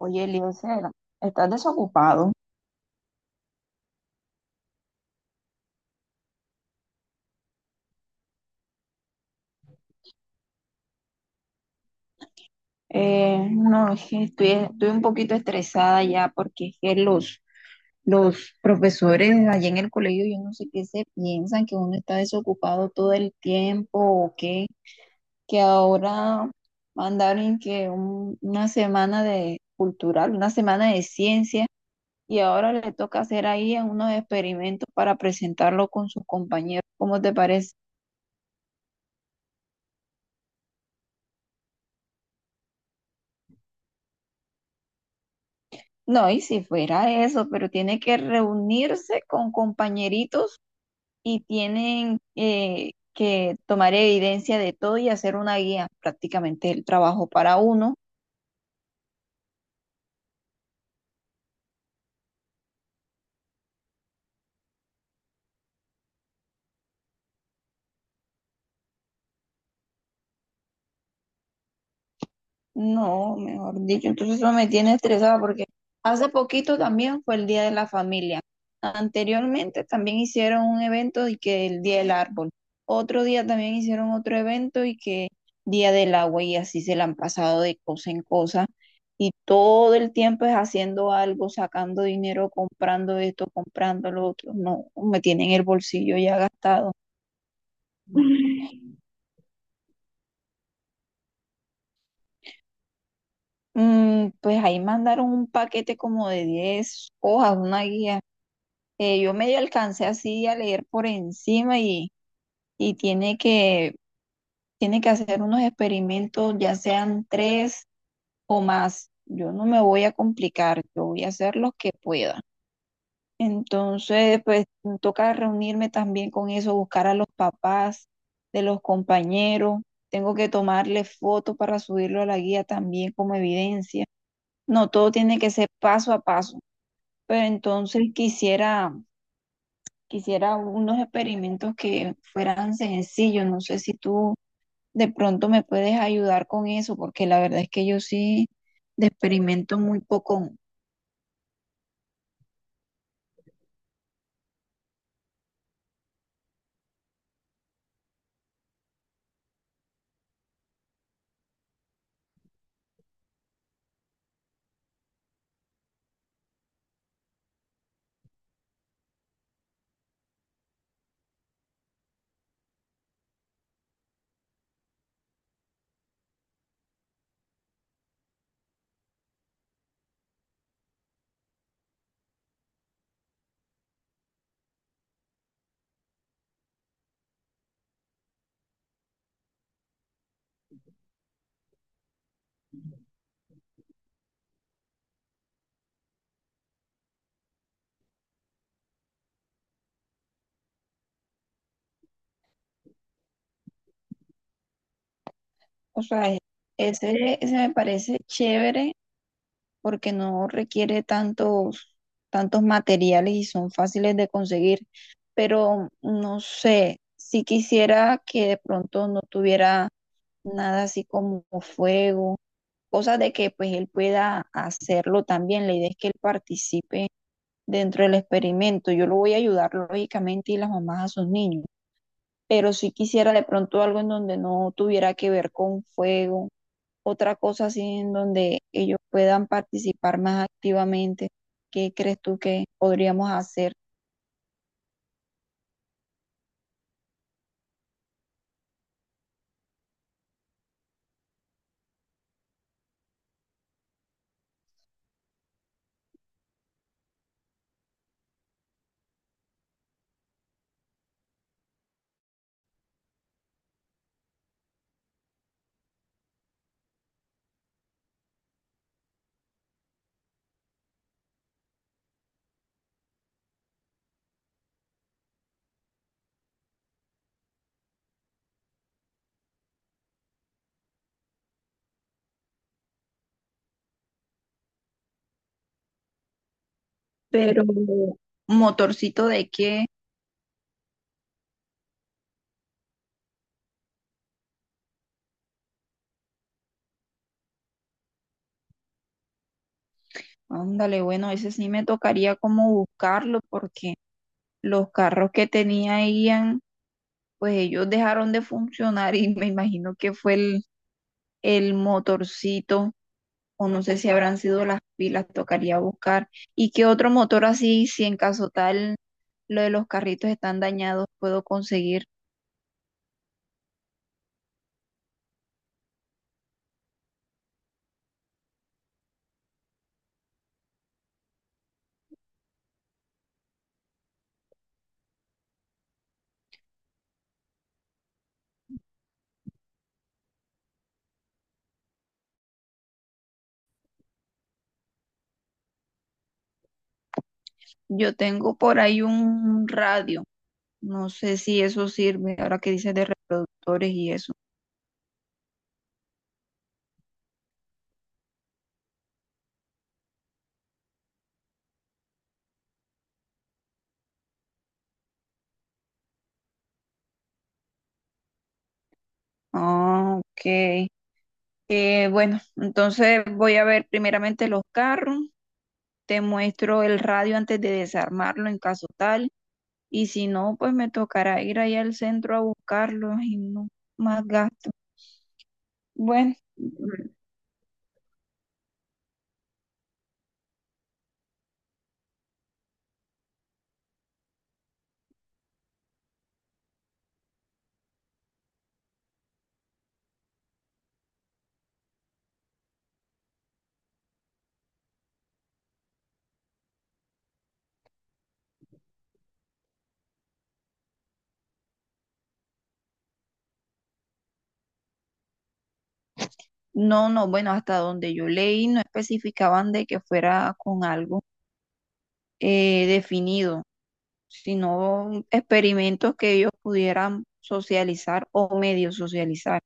Oye, Eliezer, ¿estás desocupado? No, es que estoy un poquito estresada ya porque es que los profesores allá en el colegio, yo no sé qué se piensan, que uno está desocupado todo el tiempo o qué, que ahora mandaron que una semana de cultural, una semana de ciencia y ahora le toca hacer ahí unos experimentos para presentarlo con sus compañeros. ¿Cómo te parece? No, y si fuera eso, pero tiene que reunirse con compañeritos y tienen que tomar evidencia de todo y hacer una guía, prácticamente el trabajo para uno. No, mejor dicho, entonces eso me tiene estresada porque hace poquito también fue el Día de la Familia. Anteriormente también hicieron un evento y que el Día del Árbol. Otro día también hicieron otro evento y que Día del Agua y así se la han pasado de cosa en cosa. Y todo el tiempo es haciendo algo, sacando dinero, comprando esto, comprando lo otro. No, me tienen el bolsillo ya gastado. Mm, pues ahí mandaron un paquete como de 10 hojas, una guía. Yo medio alcancé así a leer por encima y tiene tiene que hacer unos experimentos, ya sean tres o más. Yo no me voy a complicar, yo voy a hacer los que pueda. Entonces, pues me toca reunirme también con eso, buscar a los papás de los compañeros. Tengo que tomarle fotos para subirlo a la guía también como evidencia. No, todo tiene que ser paso a paso. Pero entonces quisiera unos experimentos que fueran sencillos. No sé si tú de pronto me puedes ayudar con eso, porque la verdad es que yo sí de experimento muy poco. O sea, ese me parece chévere porque no requiere tantos materiales y son fáciles de conseguir. Pero no sé, si quisiera que de pronto no tuviera nada así como fuego, cosas de que pues él pueda hacerlo también. La idea es que él participe dentro del experimento. Yo lo voy a ayudar lógicamente y las mamás a sus niños, pero si quisiera de pronto algo en donde no tuviera que ver con fuego, otra cosa así en donde ellos puedan participar más activamente. ¿Qué crees tú que podríamos hacer? Pero motorcito de qué. Ándale, bueno, ese sí me tocaría como buscarlo porque los carros que tenía Ian, pues ellos dejaron de funcionar y me imagino que fue el motorcito o no sé si habrán sido las pilas, tocaría buscar. ¿Y qué otro motor así, si en caso tal lo de los carritos están dañados, puedo conseguir? Yo tengo por ahí un radio, no sé si eso sirve ahora que dices de reproductores y eso. Ah, ok. Bueno, entonces voy a ver primeramente los carros. Te muestro el radio antes de desarmarlo en caso tal. Y si no, pues me tocará ir allá al centro a buscarlo y no más gasto. Bueno, no, no, bueno, hasta donde yo leí no especificaban de que fuera con algo definido, sino experimentos que ellos pudieran socializar o medio socializar.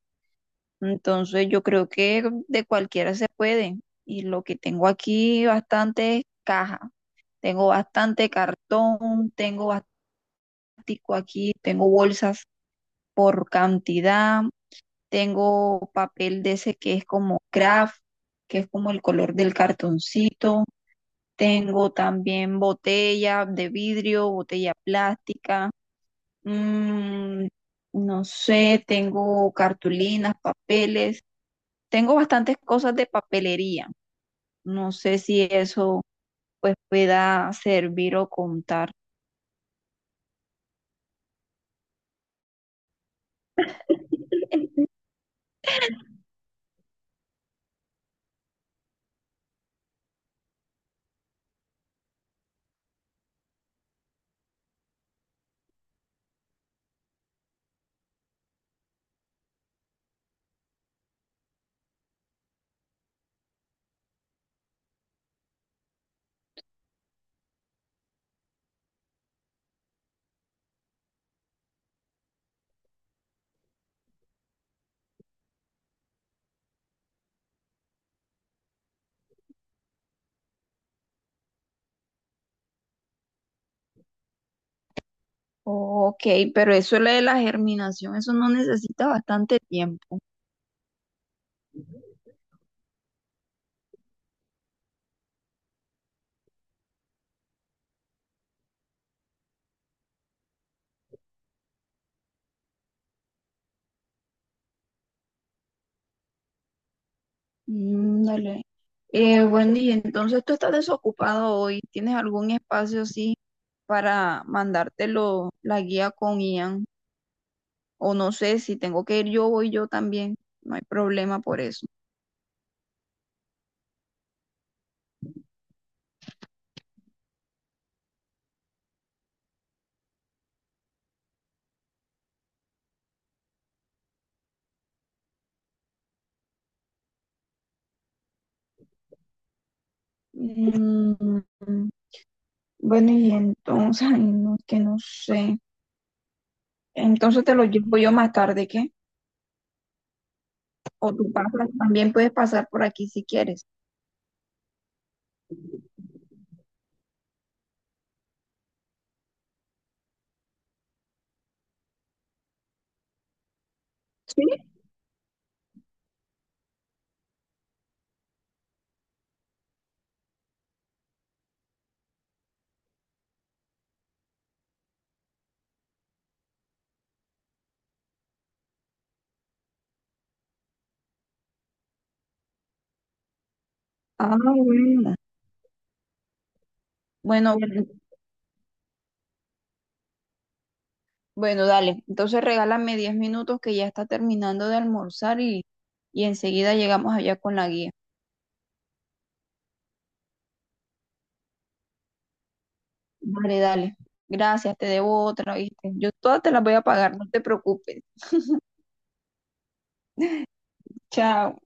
Entonces yo creo que de cualquiera se puede. Y lo que tengo aquí bastante es caja. Tengo bastante cartón, tengo plástico aquí, tengo bolsas por cantidad, tengo papel de ese que es como craft, que es como el color del cartoncito. Tengo también botella de vidrio, botella plástica. Mm, no sé, tengo cartulinas, papeles. Tengo bastantes cosas de papelería. No sé si eso pues pueda servir o contar. Ok, pero eso lo de la germinación, eso no necesita bastante tiempo. Mm, dale. Wendy, entonces tú estás desocupado hoy. ¿Tienes algún espacio así para mandártelo la guía con Ian? O no sé, si tengo que ir yo, voy yo también. No hay problema por eso. Mm, bueno, y entonces, ay, no, que no sé. Entonces te lo llevo yo más tarde, ¿qué? O tú pasas, también puedes pasar por aquí si quieres. Sí. Ah, bueno. Bueno, bueno, bueno, dale. Entonces regálame 10 minutos que ya está terminando de almorzar y enseguida llegamos allá con la guía. Dale, dale. Gracias, te debo otra, ¿viste? Yo todas te las voy a pagar, no te preocupes. Chao.